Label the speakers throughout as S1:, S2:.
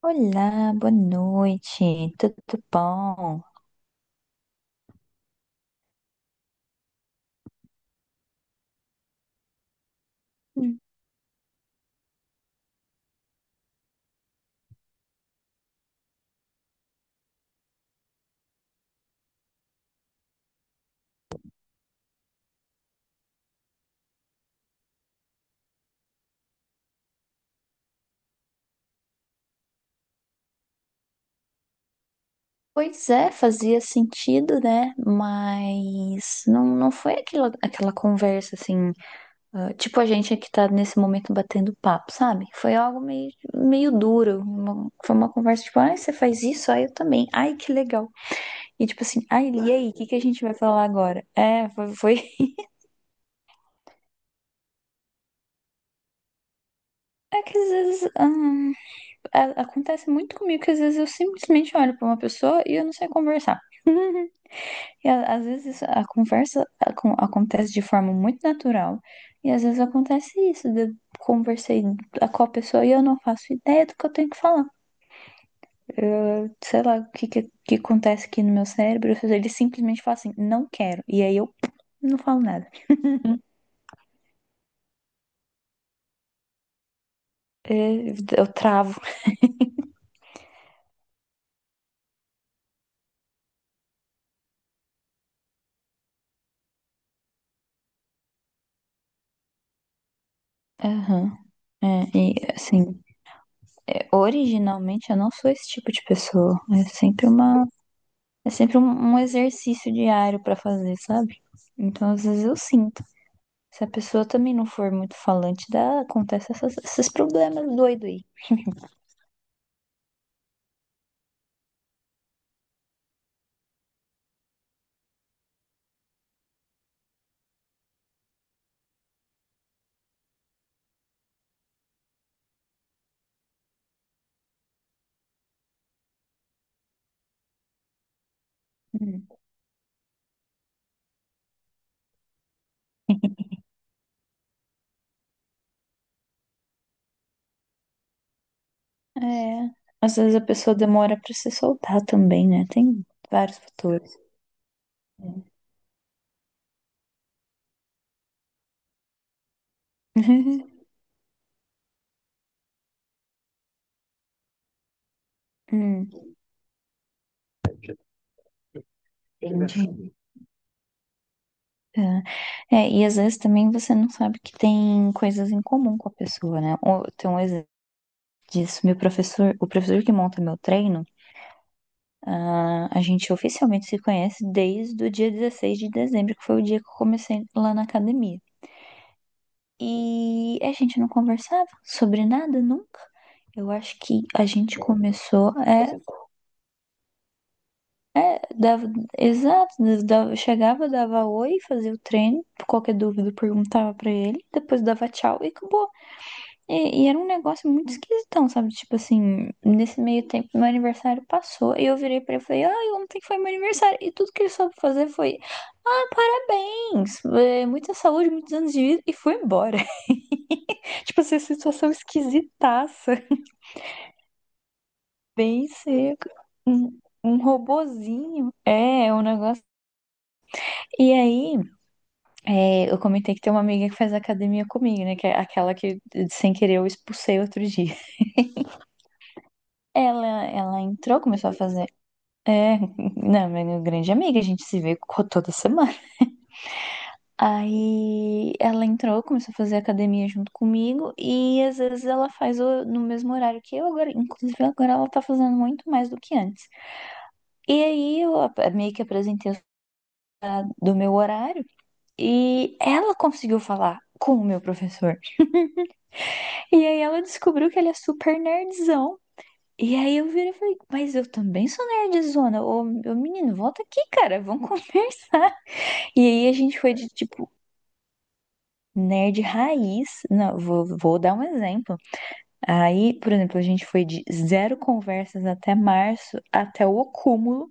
S1: Olá, boa noite, tudo bom? Hum. Pois é, fazia sentido, né? Mas não, não foi aquela conversa assim, ah, tipo a gente aqui tá nesse momento batendo papo, sabe? Foi algo meio duro. Foi uma conversa tipo, ai, você faz isso, ai, eu também, ai, que legal. E tipo assim, ai, e aí, o que que a gente vai falar agora? É, foi, foi. É que às vezes, acontece muito comigo que às vezes eu simplesmente olho pra uma pessoa e eu não sei conversar. E às vezes a conversa acontece de forma muito natural, e às vezes acontece isso, de eu conversei com a pessoa e eu não faço ideia do que eu tenho que falar. Eu, sei lá o que acontece aqui no meu cérebro, ele simplesmente fala assim, não quero, e aí eu não falo nada. É, eu travo. Aham. É, e assim, é, originalmente eu não sou esse tipo de pessoa. É sempre um exercício diário pra fazer, sabe? Então, às vezes eu sinto. Se a pessoa também não for muito falante, dá, acontece esses problemas doido aí. Hum. É, às vezes a pessoa demora pra se soltar também, né? Tem vários fatores. É. Hum, entendi. Tá. É, e às vezes também você não sabe que tem coisas em comum com a pessoa, né? Tem um exemplo disso. Meu professor, o professor que monta meu treino, ah, a gente oficialmente se conhece desde o dia 16 de dezembro, que foi o dia que eu comecei lá na academia. E a gente não conversava sobre nada nunca. Eu acho que a gente começou, é, é, dava, exato, chegava, dava oi, fazia o treino, qualquer dúvida eu perguntava pra ele, depois dava tchau e acabou. E era um negócio muito esquisitão, sabe? Tipo assim, nesse meio tempo meu aniversário passou e eu virei pra ele e falei, ai, ontem foi meu aniversário. E tudo que ele soube fazer foi, ah, parabéns, muita saúde, muitos anos de vida e foi embora. Tipo, essa situação esquisitaça. Bem seco. Um, um robozinho. É um negócio. E aí, eu comentei que tem uma amiga que faz academia comigo, né? Que é aquela que, sem querer, eu expulsei outro dia. Ela entrou, começou a fazer. É, não, minha grande amiga, a gente se vê toda semana. Aí ela entrou, começou a fazer academia junto comigo e às vezes ela faz no mesmo horário que eu agora. Inclusive agora ela tá fazendo muito mais do que antes. E aí eu meio que apresentei do meu horário e ela conseguiu falar com o meu professor. E aí ela descobriu que ele é super nerdzão. E aí eu virei e falei, mas eu também sou nerdzona. Ô, ô menino, volta aqui, cara, vamos conversar. E aí a gente foi de tipo. Nerd raiz, não, vou dar um exemplo. Aí, por exemplo, a gente foi de zero conversas até março, até o acúmulo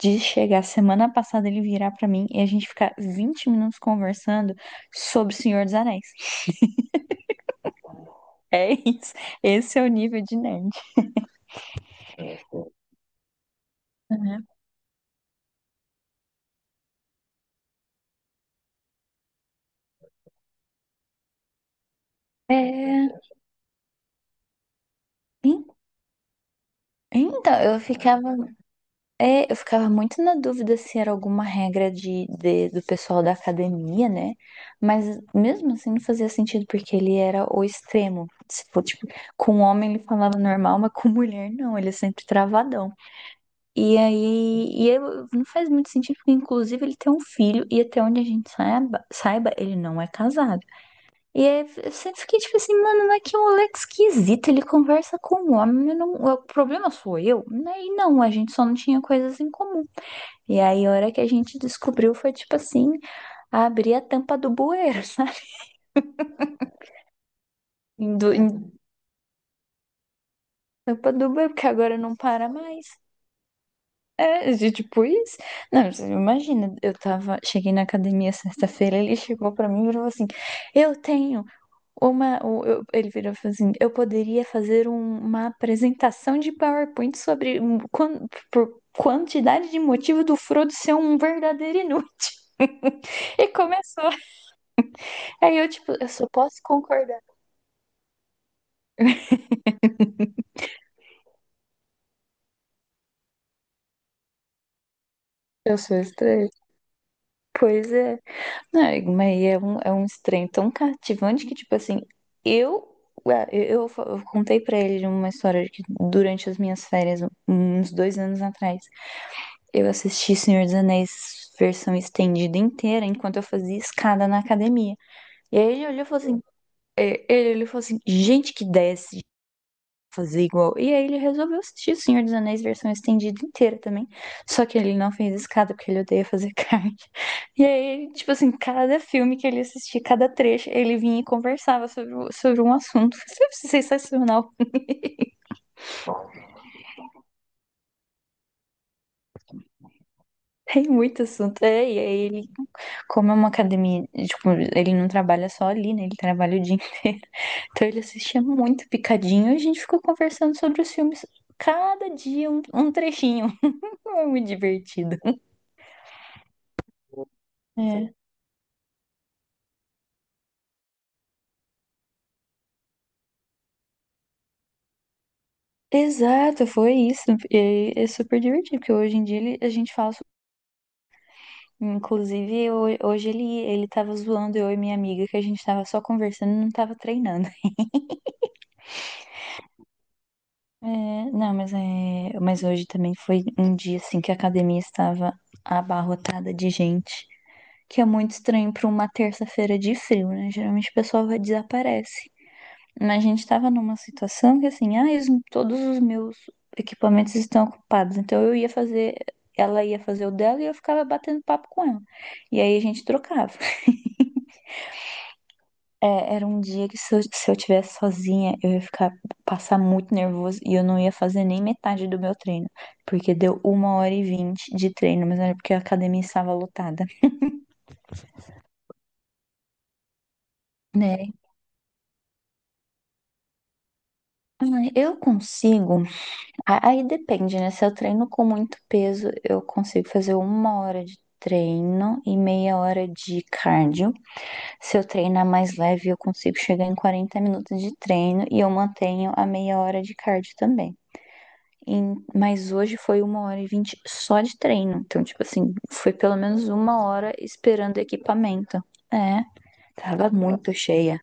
S1: de chegar semana passada ele virar pra mim e a gente ficar 20 minutos conversando sobre o Senhor dos Anéis. É isso. Esse é o nível de nerd. Uhum. É, en- então, eu ficava muito na dúvida se era alguma regra do pessoal da academia, né? Mas mesmo assim não fazia sentido, porque ele era o extremo. Se for, tipo, com um homem ele falava normal, mas com mulher não, ele é sempre travadão. E aí, não faz muito sentido, porque inclusive ele tem um filho, e até onde a gente saiba, ele não é casado. E aí eu sempre fiquei tipo assim, mano, mas que moleque esquisito, ele conversa com um homem, eu não, o problema sou eu? Né? E não, a gente só não tinha coisas em comum. E aí a hora que a gente descobriu foi tipo assim, abrir a tampa do bueiro, sabe? Do, em- tampa do bueiro, porque agora não para mais. É, de tipo isso. Não, você imagina, eu tava, cheguei na academia sexta-feira, ele chegou pra mim e falou assim: "Eu tenho ele virou e falou assim: "Eu poderia fazer uma apresentação de PowerPoint sobre por quantidade de motivo do Frodo ser um verdadeiro inútil". E começou. Aí eu tipo, eu só posso concordar. Eu sou estranha. Pois é. É, mas é um, estranho tão cativante que, tipo assim, eu, ué, eu contei pra ele uma história de que durante as minhas férias, uns 2 anos atrás, eu assisti Senhor dos Anéis versão estendida inteira enquanto eu fazia escada na academia. E aí ele olhou e falou assim, gente que desce, fazer igual. E aí ele resolveu assistir O Senhor dos Anéis versão estendida inteira também. Só que ele não fez escada, porque ele odeia fazer carne. E aí, tipo assim, cada filme que ele assistia, cada trecho, ele vinha e conversava sobre um assunto. Isso é sensacional. Tem muito assunto. É, e aí ele, como é uma academia, tipo, ele não trabalha só ali, né? Ele trabalha o dia inteiro. Então ele assistia muito picadinho e a gente ficou conversando sobre os filmes. Cada dia um trechinho. Foi muito divertido. É. Exato, foi isso. E é super divertido, porque hoje em dia a gente fala. Inclusive, hoje ele tava zoando eu e minha amiga, que a gente tava só conversando, não tava treinando. É, não, mas hoje também foi um dia assim que a academia estava abarrotada de gente, que é muito estranho para uma terça-feira de frio, né? Geralmente o pessoal desaparece. Mas a gente estava numa situação que assim, ah, todos os meus equipamentos estão ocupados. Então eu ia fazer, ela ia fazer o dela e eu ficava batendo papo com ela. E aí a gente trocava. É, era um dia que se eu tivesse sozinha, eu ia ficar, passar muito nervoso e eu não ia fazer nem metade do meu treino. Porque deu 1h20 de treino, mas era porque a academia estava lotada, né? Ah, eu consigo. Aí depende, né? Se eu treino com muito peso, eu consigo fazer 1 hora de treino e meia hora de cardio. Se eu treinar mais leve, eu consigo chegar em 40 minutos de treino e eu mantenho a meia hora de cardio também. Mas hoje foi 1h20 só de treino. Então, tipo assim, foi pelo menos 1 hora esperando equipamento. É, tava muito cheia.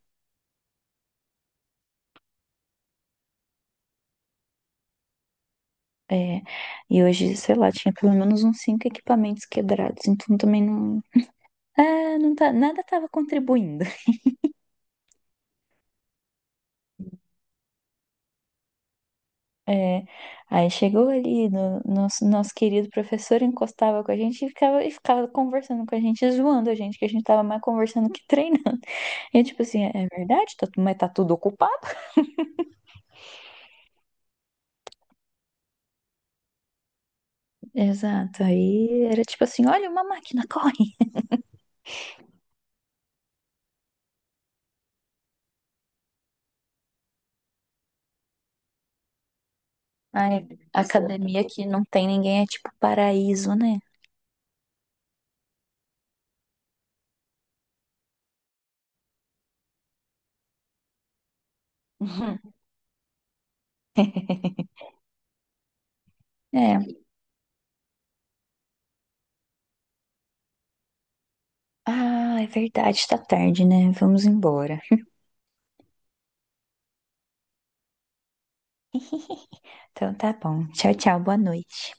S1: É, e hoje, sei lá, tinha pelo menos uns cinco equipamentos quebrados, então também não, ah, não tá, nada estava contribuindo. É, aí chegou ali, no, nosso, nosso querido professor encostava com a gente e ficava, ficava conversando com a gente, zoando a gente, que a gente tava mais conversando que treinando. E eu, tipo assim, é verdade, tá, mas tá tudo ocupado? Exato, aí era tipo assim, olha uma máquina, corre! Aí, a academia que não tem ninguém é tipo paraíso, né? Uhum. É, ah, é verdade, tá tarde, né? Vamos embora. Então tá bom, tchau, tchau, boa noite.